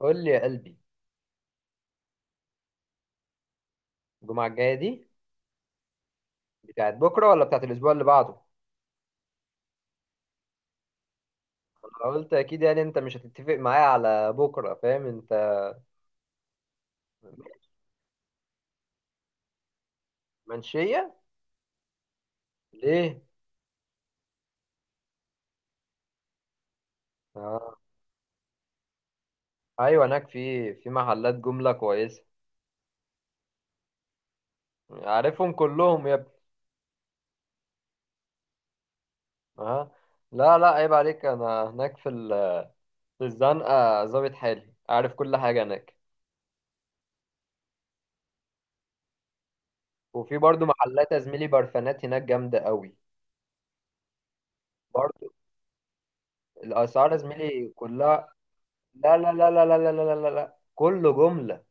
قول لي يا قلبي. الجمعة الجاية دي بتاعت بكرة ولا بتاعت الأسبوع اللي بعده؟ أنا قلت أكيد، يعني أنت مش هتتفق معايا على بكرة، فاهم أنت؟ منشية؟ ليه؟ آه. أيوة، هناك في محلات جملة كويسة. عارفهم كلهم يا ابني. آه. لا لا، عيب عليك. أنا هناك في في الزنقة، ظابط حالي، عارف كل حاجة هناك. وفي برضو محلات يا زميلي، برفانات هناك جامدة قوي. برضو الأسعار يا زميلي كلها. لا لا لا لا لا لا لا لا لا لا. كله جملة.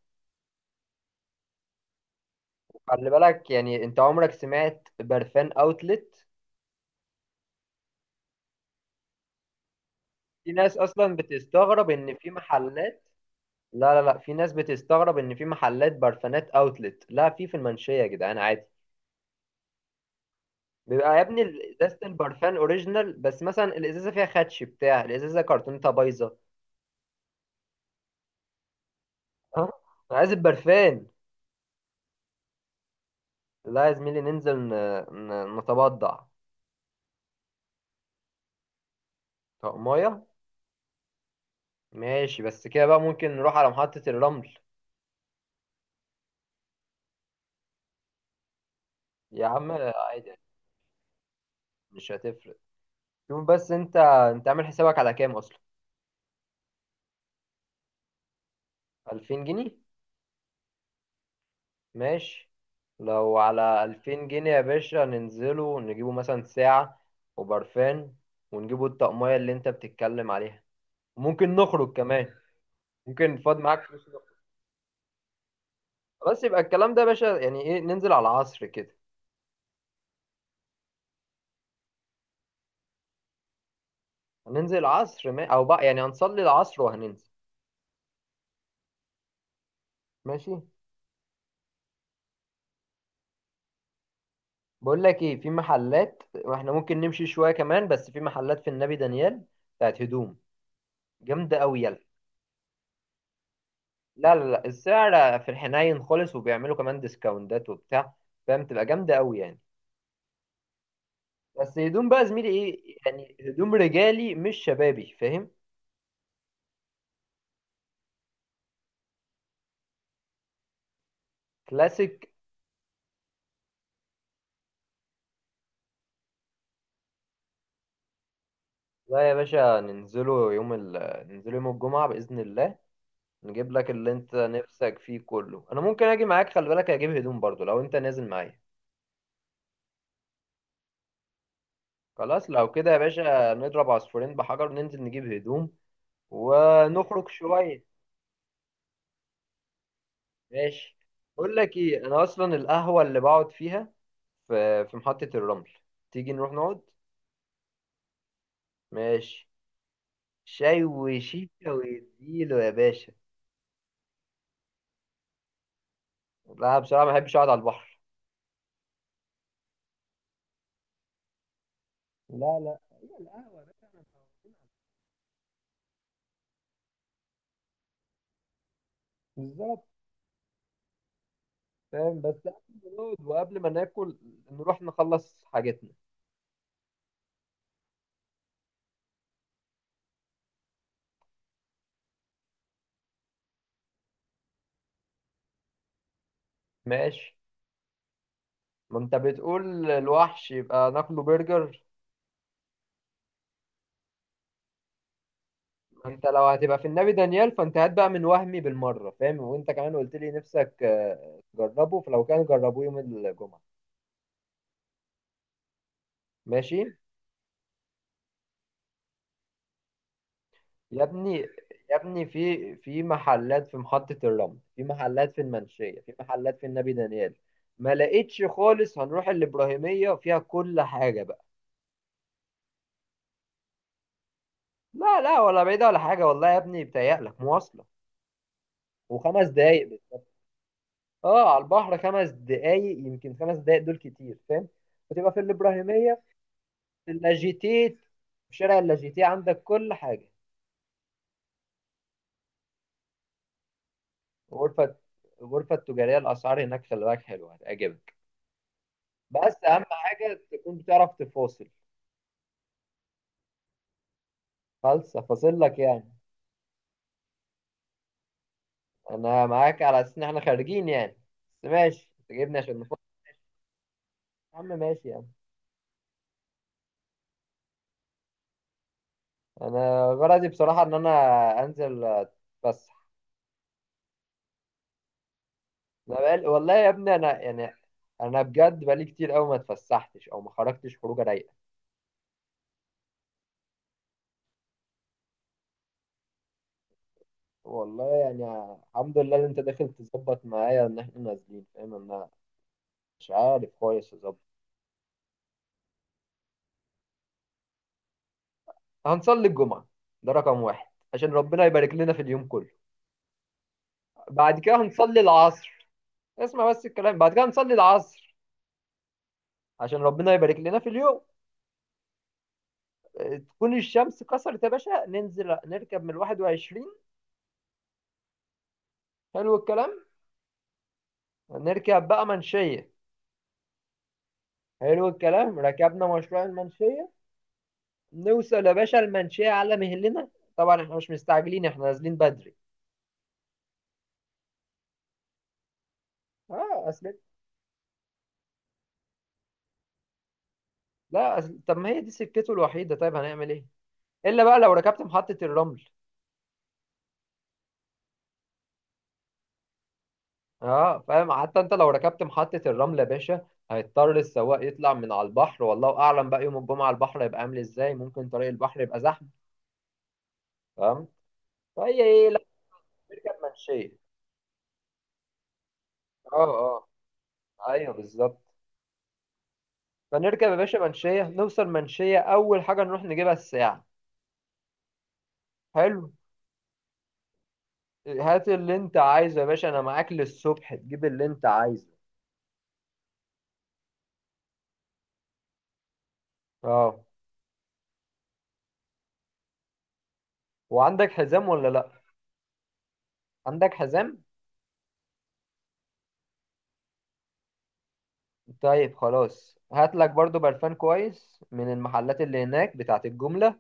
خلي بالك، يعني انت عمرك سمعت برفان اوتلت؟ في ناس اصلا بتستغرب ان في محلات. لا لا لا، في ناس بتستغرب ان في محلات برفانات اوتلت، لا في في المنشية يا جدعان عادي. بيبقى يا ابني ازازة البرفان اوريجينال، بس مثلا الازازة فيها خدش، بتاع الازازة كرتونتها بايظة. ها، انا عايز البرفان. لا يا زميلي، ننزل نتبضع. طب ميه. ماشي، بس كده بقى ممكن نروح على محطة الرمل. يا عم عادي، مش هتفرق. شوف بس، انت عامل حسابك على كام اصلا؟ 2000 جنيه؟ ماشي. لو على 2000 جنيه يا باشا، ننزله نجيبه مثلا ساعة وبرفان، ونجيبه الطقمية اللي انت بتتكلم عليها. ممكن نخرج كمان. ممكن فاض معاك فلوس نخرج. خلاص، يبقى الكلام ده يا باشا يعني ايه، ننزل على العصر كده. هننزل العصر ما... او بقى، يعني هنصلي العصر وهننزل. ماشي. بقول لك ايه، في محلات واحنا ممكن نمشي شوية كمان، بس في محلات في النبي دانيال بتاعت هدوم جامدة قوي. لا لا لا، السعر في الحنين خالص، وبيعملوا كمان ديسكاونتات وبتاع، فاهم؟ تبقى جامدة قوي يعني. بس هدوم بقى زميلي، ايه يعني، هدوم رجالي مش شبابي، فاهم؟ كلاسيك. لا يا باشا، ننزله يوم ننزله يوم الجمعة بإذن الله. نجيب لك اللي انت نفسك فيه كله. انا ممكن اجي معاك، خلي بالك اجيب هدوم برضو لو انت نازل معايا. خلاص لو كده يا باشا، نضرب عصفورين بحجر، ننزل نجيب هدوم ونخرج شوية. ماشي. بقول لك ايه، انا اصلا القهوه اللي بقعد فيها في محطه الرمل، تيجي نروح نقعد. ماشي. شاي وشيكه واديله يا باشا. لا بصراحه، ما بحبش اقعد على البحر. لا لا، هي القهوه بقى. بالظبط. فاهم، بس قبل ما نقعد وقبل ما ناكل، نروح نخلص حاجتنا. ماشي. ما انت بتقول الوحش، يبقى ناكله برجر. انت لو هتبقى في النبي دانيال، فانت هات بقى من وهمي بالمره، فاهم؟ وانت كمان قلت لي نفسك، آه، تجربه، فلو كان جربوه يوم الجمعه. ماشي. يا ابني يا ابني، في محلات في محطه الرمل، في محلات في المنشيه، في محلات في النبي دانيال. ما لقيتش خالص. هنروح الابراهيميه، فيها كل حاجه بقى. لا لا، ولا بعيده ولا حاجه، والله يا ابني بتهيألك، مواصله وخمس دقايق بس. اه، على البحر 5 دقايق، يمكن 5 دقايق دول كتير، فاهم؟ وتبقى في الابراهيميه. اللاجيتيه. في شارع اللاجيتيه عندك كل حاجة. غرفة، الغرفة التجارية الأسعار هناك، خلي بالك، حلوة هتعجبك. بس أهم حاجة تكون بتعرف تفاصل. فلسة، فاصل لك يعني. أنا معاك على أساس إن إحنا خارجين يعني، بس ماشي تجيبني عشان نفاصل. يا عم ماشي يعني. أنا غرضي بصراحة إن أنا أنزل أتفسح. أنا والله يا ابني، أنا يعني، أنا بجد بقالي كتير أوي ما اتفسحتش أو ما خرجتش خروجة رايقة. والله يعني الحمد لله ان انت داخل تظبط معايا ان احنا نازلين، فاهم؟ انا مش عارف كويس اظبط. هنصلي الجمعة، ده رقم واحد، عشان ربنا يبارك لنا في اليوم كله. بعد كده هنصلي العصر. اسمع بس الكلام، بعد كده هنصلي العصر عشان ربنا يبارك لنا في اليوم. اه، تكون الشمس كسرت يا باشا، ننزل نركب من ال21. حلو الكلام. نركب بقى منشية. حلو الكلام. ركبنا مشروع المنشية، نوصل يا باشا المنشية على مهلنا. طبعا احنا مش مستعجلين، احنا نازلين بدري. اه اصل، لا طب ما هي دي سكته الوحيده، طيب هنعمل ايه؟ الا بقى لو ركبت محطه الرمل. اه فاهم، حتى انت لو ركبت محطه الرمل يا باشا، هيضطر السواق يطلع من على البحر، والله اعلم بقى يوم الجمعه البحر هيبقى عامل ازاي، ممكن طريق البحر يبقى زحمه، فاهم؟ فهي ايه، لا، نركب منشيه. اه اه، ايوه بالظبط. فنركب يا باشا منشيه، نوصل منشيه، اول حاجه نروح نجيبها الساعه. حلو. هات اللي انت عايزه يا باشا، انا معاك للصبح، تجيب اللي انت عايزه. اه. وعندك حزام ولا لا؟ عندك حزام. طيب خلاص، هات لك برضو برفان كويس من المحلات اللي هناك بتاعت الجملة.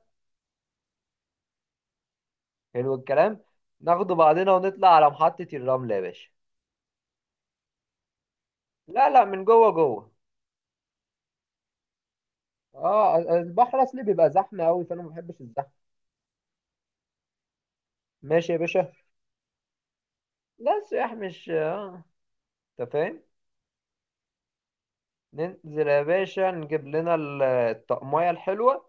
حلو الكلام. ناخده بعدنا ونطلع على محطة الرمل يا باشا. لا لا، من جوه جوه، اه البحر اصلي بيبقى زحمة قوي، فانا ما بحبش الزحمة. ماشي يا باشا. لا، السياح مش، انت فاهم. ننزل يا باشا، نجيب لنا الطقمية الحلوة،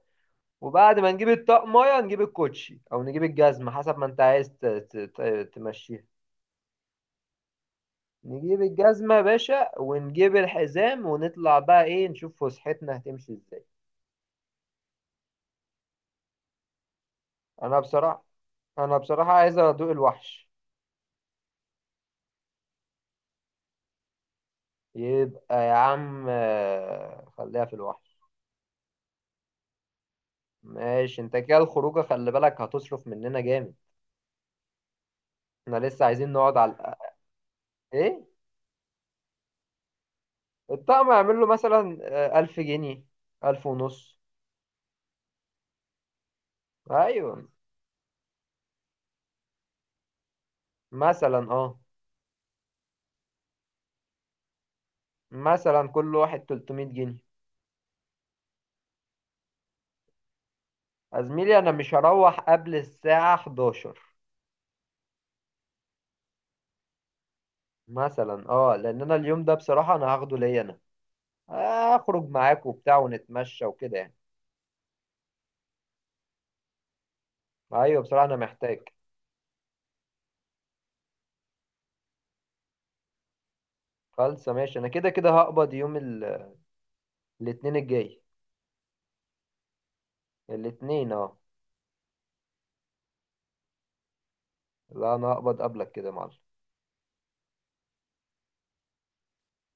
وبعد ما نجيب الطقمية نجيب الكوتشي او نجيب الجزمة حسب ما انت عايز تمشيها. نجيب الجزمة يا باشا ونجيب الحزام، ونطلع بقى ايه نشوف فسحتنا هتمشي ازاي. انا بصراحة انا بصراحة عايز ادوق الوحش. يبقى يا عم، آه، خليها في الوحش. ماشي، انت كده الخروجة خلي بالك هتصرف مننا جامد. احنا لسه عايزين نقعد على الأقل. ايه؟ الطقم هيعمل له مثلا، آه، 1000 جنيه، 1000 ونص. ايوه، مثلا اه، مثلا كل واحد 300 جنيه. يا زميلي، انا مش هروح قبل الساعة 11. مثلا اه، لان انا اليوم ده بصراحه انا هاخده ليا، انا اخرج معاك وبتاع ونتمشى وكده يعني. ايوه بصراحه انا محتاج. خالصه ماشي، انا كده كده هقبض يوم الاثنين الجاي. الاثنين اه. لا انا هقبض قبلك كده يا معلم.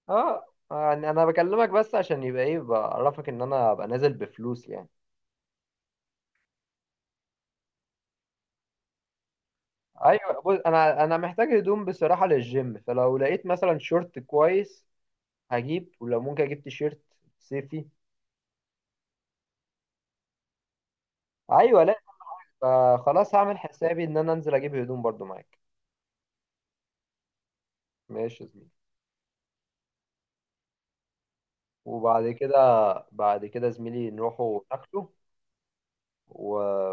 اه، يعني انا بكلمك بس عشان يبقى ايه، بعرفك ان انا ابقى نازل بفلوس يعني. ايوه بص، انا محتاج هدوم بصراحه للجيم، فلو لقيت مثلا شورت كويس هجيب، ولو ممكن اجيب تيشيرت صيفي. ايوه، فخلاص هعمل حسابي ان انا انزل اجيب هدوم برضو معاك. ماشي يا زميلي. وبعد كده، بعد كده زميلي نروحوا ناكله و...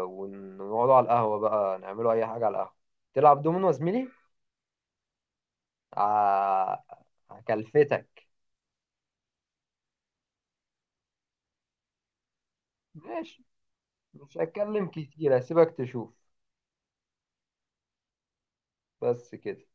ونقعدوا على القهوة بقى، نعملوا اي حاجة على القهوة. تلعب دومينو يا زميلي؟ ع- هكلفتك. ماشي، مش هتكلم كتير، هسيبك تشوف. بس كده.